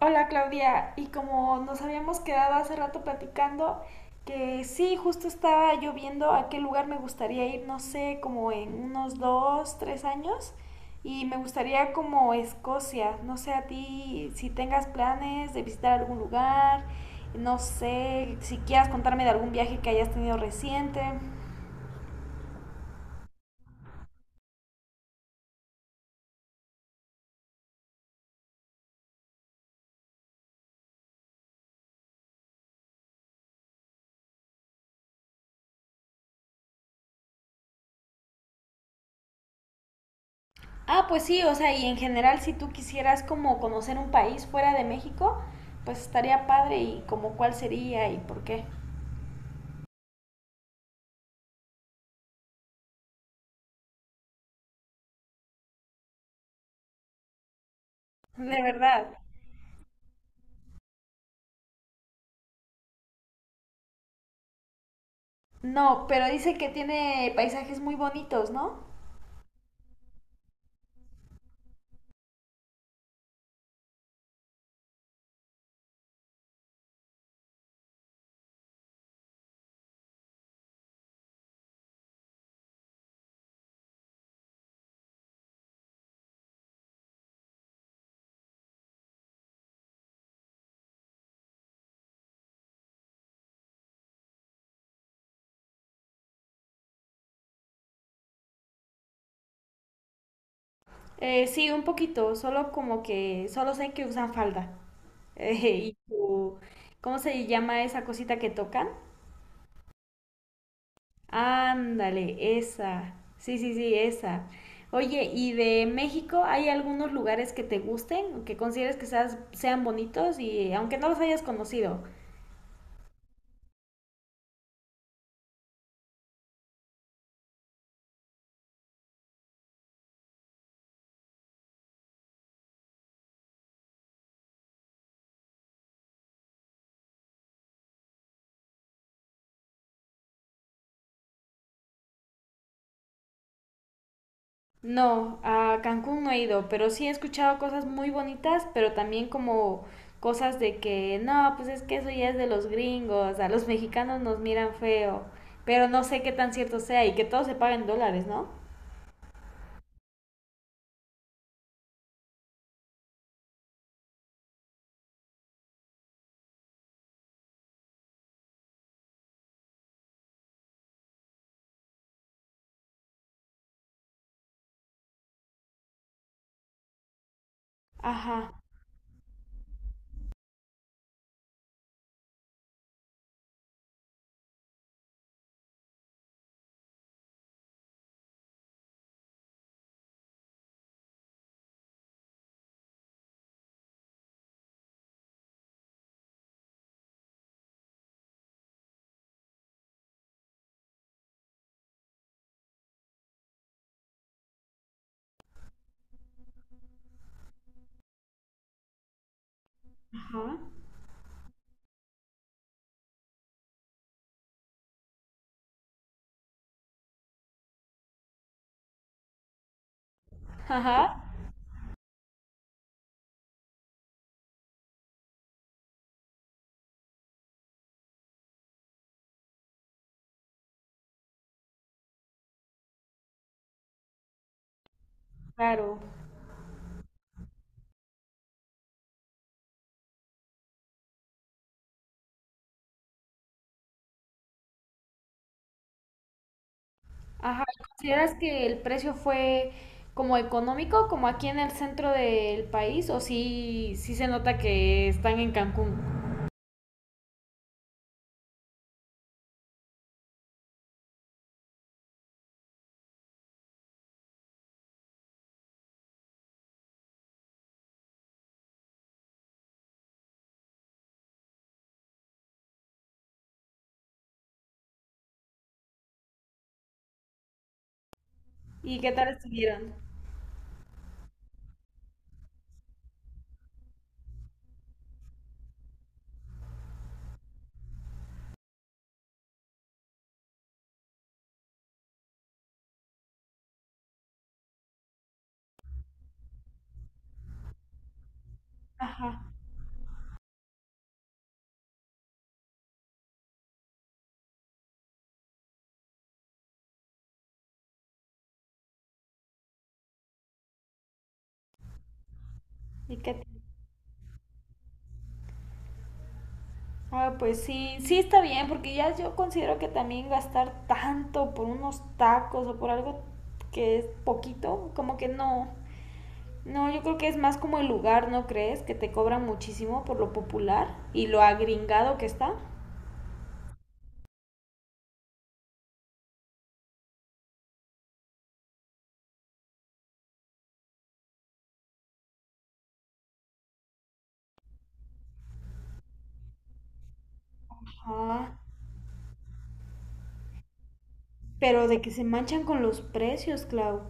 Hola Claudia, y como nos habíamos quedado hace rato platicando, que sí, justo estaba yo viendo a qué lugar me gustaría ir, no sé, como en unos dos, tres años, y me gustaría como Escocia, no sé a ti si tengas planes de visitar algún lugar, no sé si quieras contarme de algún viaje que hayas tenido reciente. Ah, pues sí, o sea, y en general si tú quisieras como conocer un país fuera de México, pues estaría padre y como cuál sería y por qué. De verdad. No, pero dice que tiene paisajes muy bonitos, ¿no? Sí, un poquito, solo como que, solo sé que usan falda. Eh, y su- ¿Cómo se llama esa cosita que tocan? Ándale, esa. Sí, sí, sí, esa. Oye, ¿y de México hay algunos lugares que te gusten, que consideres que sean bonitos y aunque no los hayas conocido? No, a Cancún no he ido, pero sí he escuchado cosas muy bonitas, pero también como cosas de que no, pues es que eso ya es de los gringos, a los mexicanos nos miran feo, pero no sé qué tan cierto sea y que todo se paga en dólares, ¿no? Ajá, ajá, ajá, claro. Ajá, ¿y consideras que el precio fue como económico, como aquí en el centro del país, o sí, sí se nota que están en Cancún? ¿Y qué tal estuvieron? Ajá, ¿y qué? Ah, pues sí, sí está bien, porque ya yo considero que también gastar tanto por unos tacos o por algo que es poquito, como que no. No, yo creo que es más como el lugar, ¿no crees? Que te cobran muchísimo por lo popular y lo agringado que está. Ah, pero de que se manchan con los precios, Clau.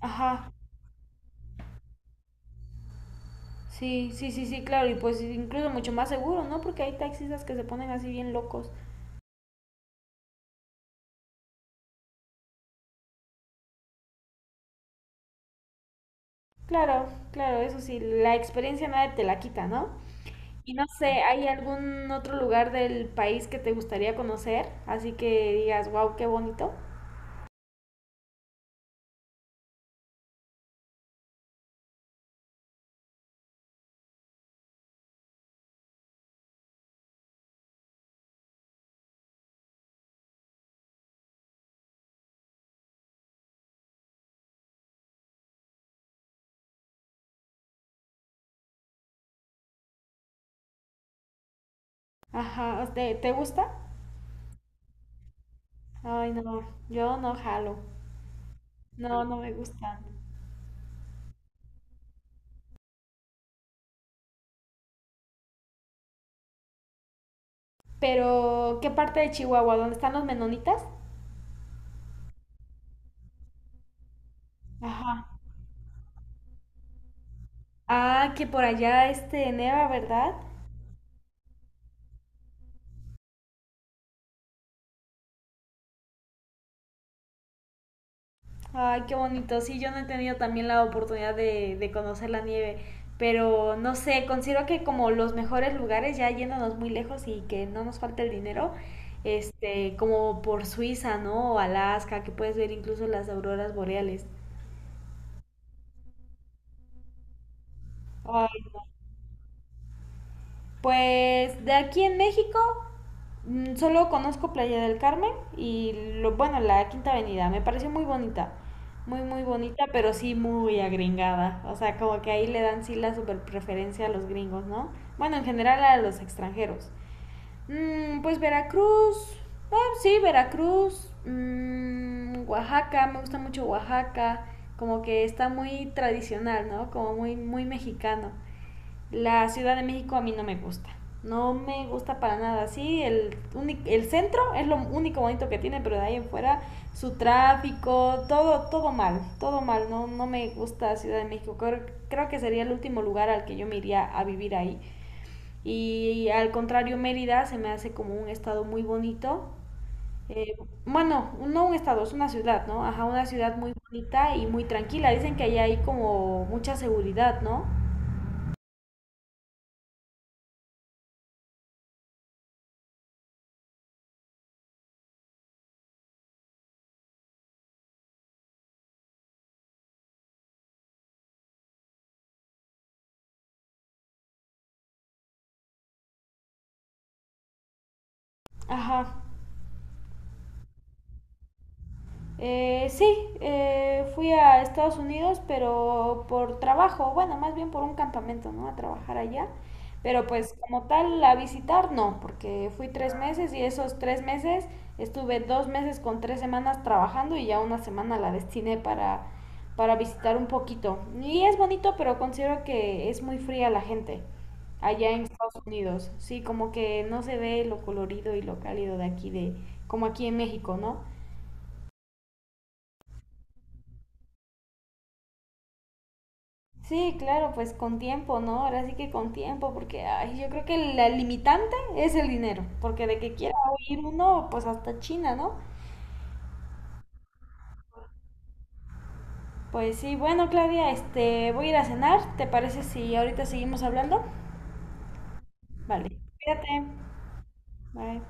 Ajá, sí, sí, sí, sí, claro, y pues incluso mucho más seguro, ¿no? Porque hay taxistas que se ponen así bien locos. Claro, claro, eso sí, la experiencia nadie te la quita, ¿no? Y no sé, ¿hay algún otro lugar del país que te gustaría conocer? Así que digas, wow, qué bonito. Ajá, ¿te, te gusta? Ay, no, yo no jalo. No, no me gustan. Pero ¿qué parte de Chihuahua? ¿Dónde están los menonitas? Ajá. Ah, que por allá este neva, ¿verdad? Ay, qué bonito. Sí, yo no he tenido también la oportunidad de conocer la nieve, pero no sé, considero que como los mejores lugares, ya yéndonos muy lejos y que no nos falte el dinero, este, como por Suiza, ¿no? O Alaska, que puedes ver incluso las auroras boreales. Ay, pues de aquí en México, mm, solo conozco Playa del Carmen y lo, bueno, la Quinta Avenida. Me pareció muy bonita. Muy, muy bonita, pero sí muy agringada. O sea, como que ahí le dan sí la super preferencia a los gringos, ¿no? Bueno, en general a los extranjeros. Mm, pues Veracruz. Ah, sí, Veracruz. Mm, Oaxaca, me gusta mucho Oaxaca. Como que está muy tradicional, ¿no? Como muy, muy mexicano. La Ciudad de México a mí no me gusta. No me gusta para nada. Sí, el, el centro es lo único bonito que tiene, pero de ahí en fuera su tráfico, todo, todo mal, todo mal. No, no me gusta Ciudad de México. Creo, creo que sería el último lugar al que yo me iría a vivir ahí. Y al contrario, Mérida se me hace como un estado muy bonito. Eh, bueno, no un estado, es una ciudad, ¿no? Ajá, una ciudad muy bonita y muy tranquila. Dicen que allá hay como mucha seguridad, ¿no? Ajá. Sí, fui a Estados Unidos, pero por trabajo, bueno, más bien por un campamento, ¿no? A trabajar allá. Pero pues como tal, a visitar no, porque fui 3 meses y esos 3 meses estuve 2 meses con 3 semanas trabajando y ya una semana la destiné para visitar un poquito. Y es bonito, pero considero que es muy fría la gente allá en Estados Unidos. Sí, como que no se ve lo colorido y lo cálido de aquí, de como aquí en México, ¿no? Sí, claro, pues con tiempo, ¿no? Ahora sí que con tiempo, porque ay, yo creo que la limitante es el dinero, porque de que quiera ir uno, pues hasta China, ¿no? Pues sí, bueno, Claudia, este, voy a ir a cenar, ¿te parece si ahorita seguimos hablando? Vale, cuídate, bye.